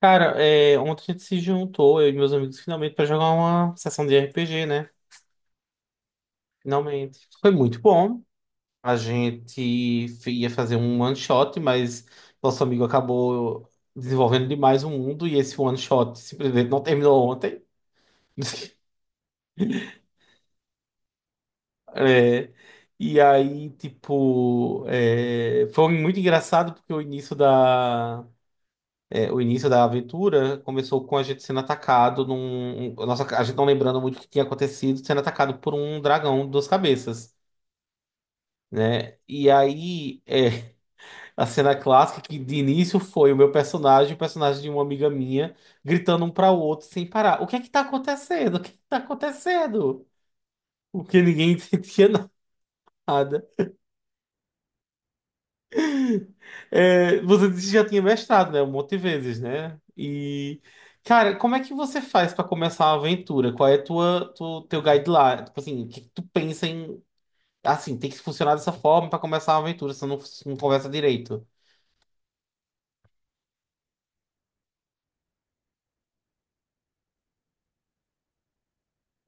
Cara, ontem a gente se juntou, eu e meus amigos, finalmente, para jogar uma sessão de RPG, né? Finalmente. Foi muito bom. A gente ia fazer um one shot, mas nosso amigo acabou desenvolvendo demais o mundo e esse one shot simplesmente não terminou ontem. É, e aí, tipo, foi muito engraçado porque o início da aventura começou com a gente sendo atacado nossa, a gente não lembrando muito o que tinha acontecido, sendo atacado por um dragão de duas cabeças, né? E aí, a cena clássica que de início foi o meu personagem e o personagem de uma amiga minha, gritando um para o outro sem parar: o que é que tá acontecendo? O que é que tá acontecendo? Porque ninguém entendia nada. É, você disse que já tinha mestrado, né? Um monte de vezes, né? E, cara, como é que você faz para começar uma aventura? Qual é a teu guideline? Tipo assim, o que que tu pensa em, assim, tem que funcionar dessa forma para começar uma aventura, se não conversa direito.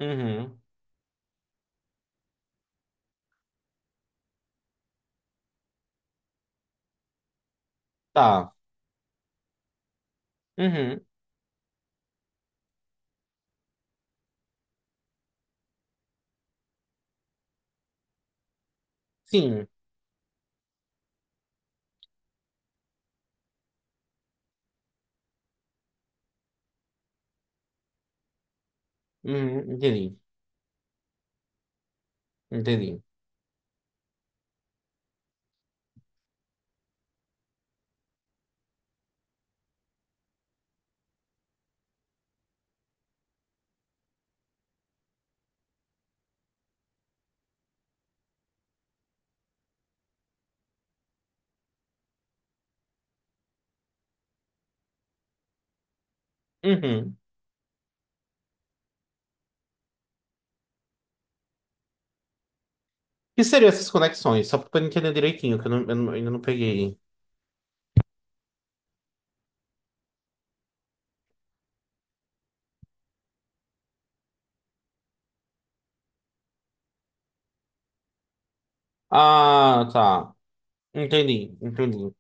Uhum, tá. Uhum, sim. Uhum, entendi, entendi. Uhum. O que seriam essas conexões? Só para entender direitinho, que eu não- ainda não peguei. Ah, tá. Entendi, entendi.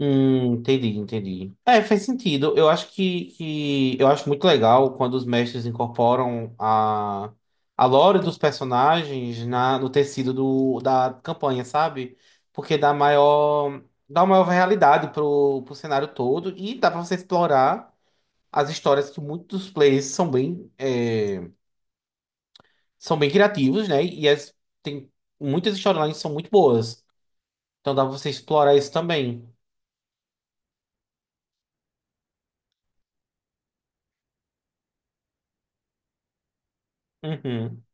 Entendi, entendi. É, faz sentido. Eu acho que eu acho muito legal quando os mestres incorporam a lore dos personagens no tecido da campanha, sabe? Porque dá maior, dá uma maior realidade pro cenário todo e dá pra você explorar as histórias que muitos players são bem, são bem criativos, né? Tem muitas histórias que são muito boas. Então dá pra você explorar isso também. Uhum.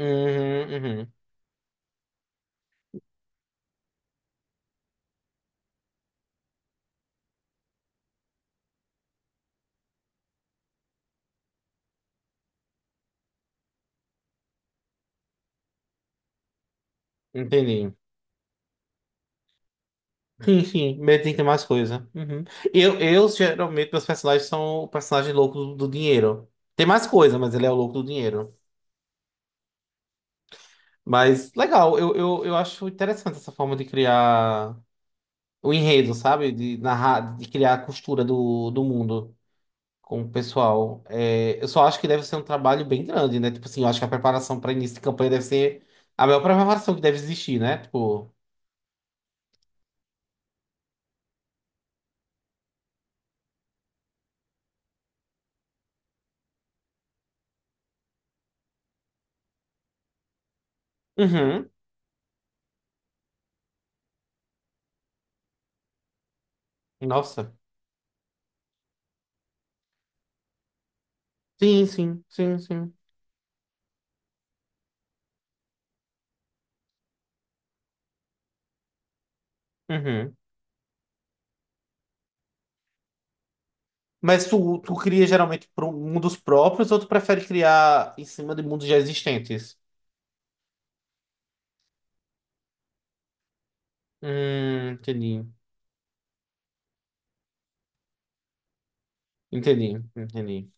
Uhum, uhum. Entendi. Sim. Medo tem que ter mais coisa. Uhum. Geralmente, meus personagens são o personagem louco do dinheiro. Tem mais coisa, mas ele é o louco do dinheiro. Mas legal, eu acho interessante essa forma de criar o enredo, sabe? De narrar, de criar a costura do mundo com o pessoal. É, eu só acho que deve ser um trabalho bem grande, né? Tipo assim, eu acho que a preparação para início de campanha deve ser a melhor preparação que deve existir, né? Tipo. Uhum. Nossa. Sim. Uhum. Mas tu cria geralmente para mundos próprios ou tu prefere criar em cima de mundos já existentes? Entendi. Entendi, entendi.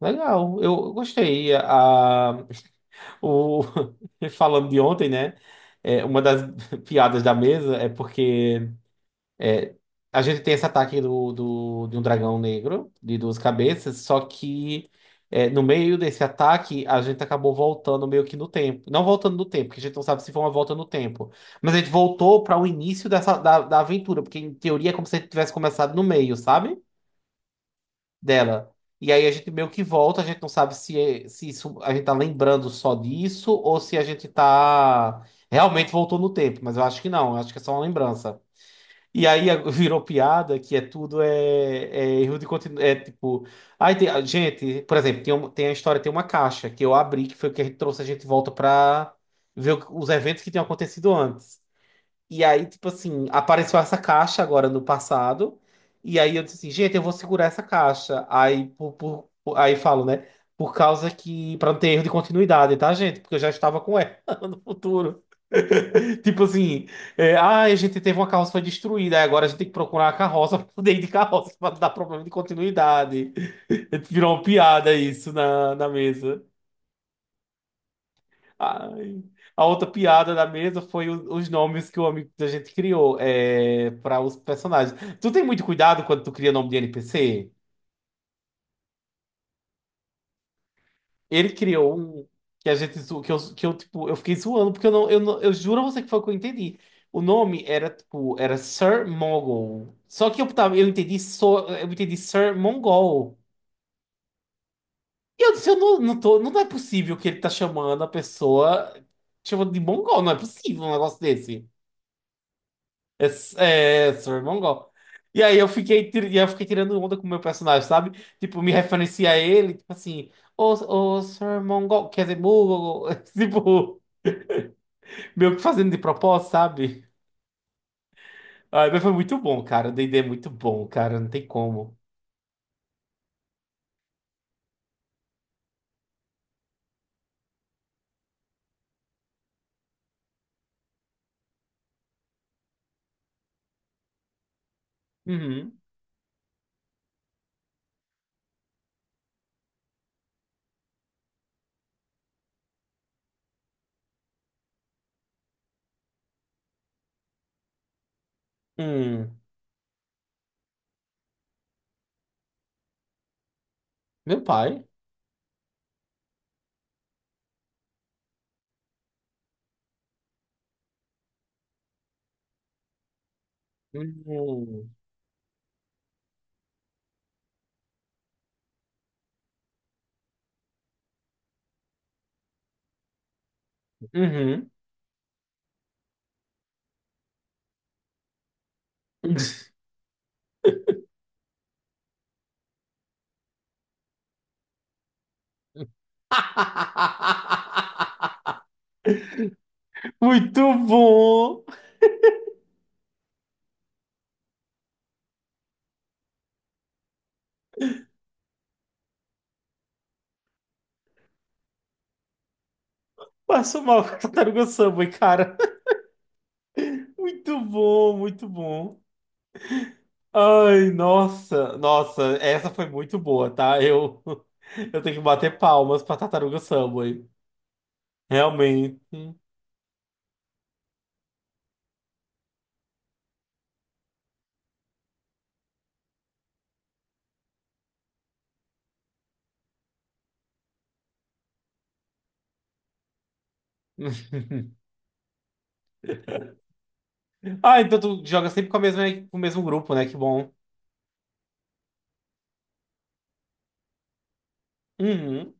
Legal, eu gostei. O, falando de ontem, né? É, uma das piadas da mesa é porque é, a gente tem esse ataque de um dragão negro de duas cabeças, só que é, no meio desse ataque a gente acabou voltando meio que no tempo. Não voltando no tempo, porque a gente não sabe se foi uma volta no tempo. Mas a gente voltou para o início da aventura, porque em teoria é como se a gente tivesse começado no meio, sabe? Dela. E aí a gente meio que volta, a gente não sabe se isso, a gente tá lembrando só disso ou se a gente tá realmente voltou no tempo. Mas eu acho que não, eu acho que é só uma lembrança. E aí virou piada que é tudo é erro de continuidade. É tipo. Aí tem, gente, por exemplo, tem a história, tem uma caixa que eu abri, que foi o que a gente trouxe a gente de volta pra ver os eventos que tinham acontecido antes. E aí, tipo assim, apareceu essa caixa agora no passado. E aí eu disse assim, gente, eu vou segurar essa caixa. Aí, aí falo, né? Por causa que. Pra não ter erro de continuidade, tá, gente? Porque eu já estava com ela no futuro. Tipo assim, ah, a gente teve uma carroça que foi destruída, aí agora a gente tem que procurar a carroça para poder ir de carroça para dar problema de continuidade. Virou uma piada isso na mesa. Ai. A outra piada da mesa foi os nomes que o amigo da gente criou é, para os personagens. Tu tem muito cuidado quando tu cria nome de NPC? Ele criou um que a gente zo- que eu tipo, eu fiquei zoando porque eu não, eu não, eu juro a você que foi o que eu entendi. O nome era tipo, era Sir Mongol. Só que eu tava, eu entendi só, eu entendi Sir Mongol. E eu disse, eu não, não tô, não é possível que ele tá chamando a pessoa chamando de mongol, não é possível um negócio desse. É, é Sir Mongol. E aí eu fiquei, tirando onda com o meu personagem, sabe? Tipo, me referencia a ele, tipo assim, Sir Mongol, quer dizer, Mongol, tipo. Meio que fazendo de propósito, sabe? Ah, mas foi muito bom, cara. O D&D é muito bom, cara. Não tem como. Uhum. Hum. Meu pai. Uhum. Uhum. Muito bom. Passo mal com a tartaruga Subway, cara. Muito bom, muito bom. Ai, nossa, nossa, essa foi muito boa, tá? Eu, eu tenho que bater palmas pra tartaruga Subway. Realmente. Ah, então tu joga sempre com a mesma, com o mesmo grupo, né? Que bom. Uhum.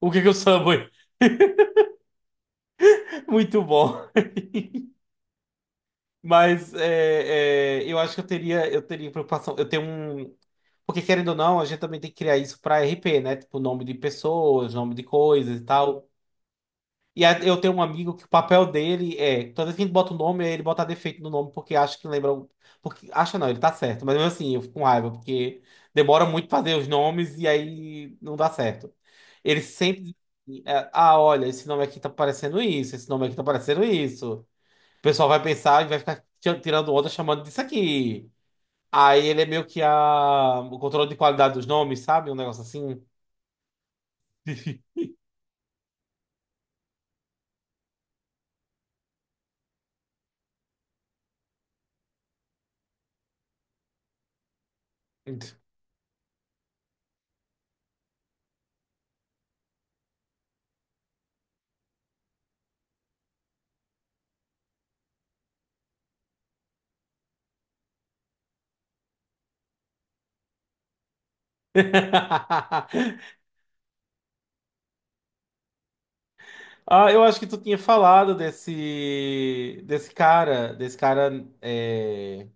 O que que eu Subway? Muito bom. Mas eu acho eu teria preocupação. Eu tenho um. Porque querendo ou não, a gente também tem que criar isso para RP, né? Tipo, nome de pessoas, nome de coisas e tal. E aí eu tenho um amigo que o papel dele é, toda vez que a gente bota o nome, ele bota defeito no nome porque acha que lembra. Porque acha não, ele tá certo. Mas mesmo assim, eu fico com raiva, porque demora muito fazer os nomes e aí não dá certo. Ele sempre diz assim, ah, olha, esse nome aqui tá parecendo isso, esse nome aqui tá parecendo isso. O pessoal vai pensar e vai ficar tirando onda chamando disso aqui. Aí ele é meio que a... o controle de qualidade dos nomes, sabe? Um negócio assim. Ah, eu acho que tu tinha falado desse cara, é...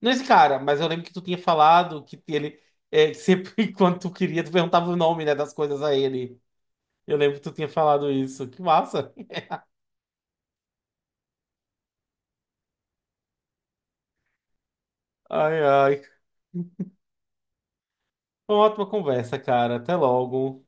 não esse cara, mas eu lembro que tu tinha falado que ele que sempre quando tu queria tu perguntava o nome, né, das coisas a ele. Eu lembro que tu tinha falado isso. Que massa! Ai, ai. Foi uma ótima conversa, cara. Até logo.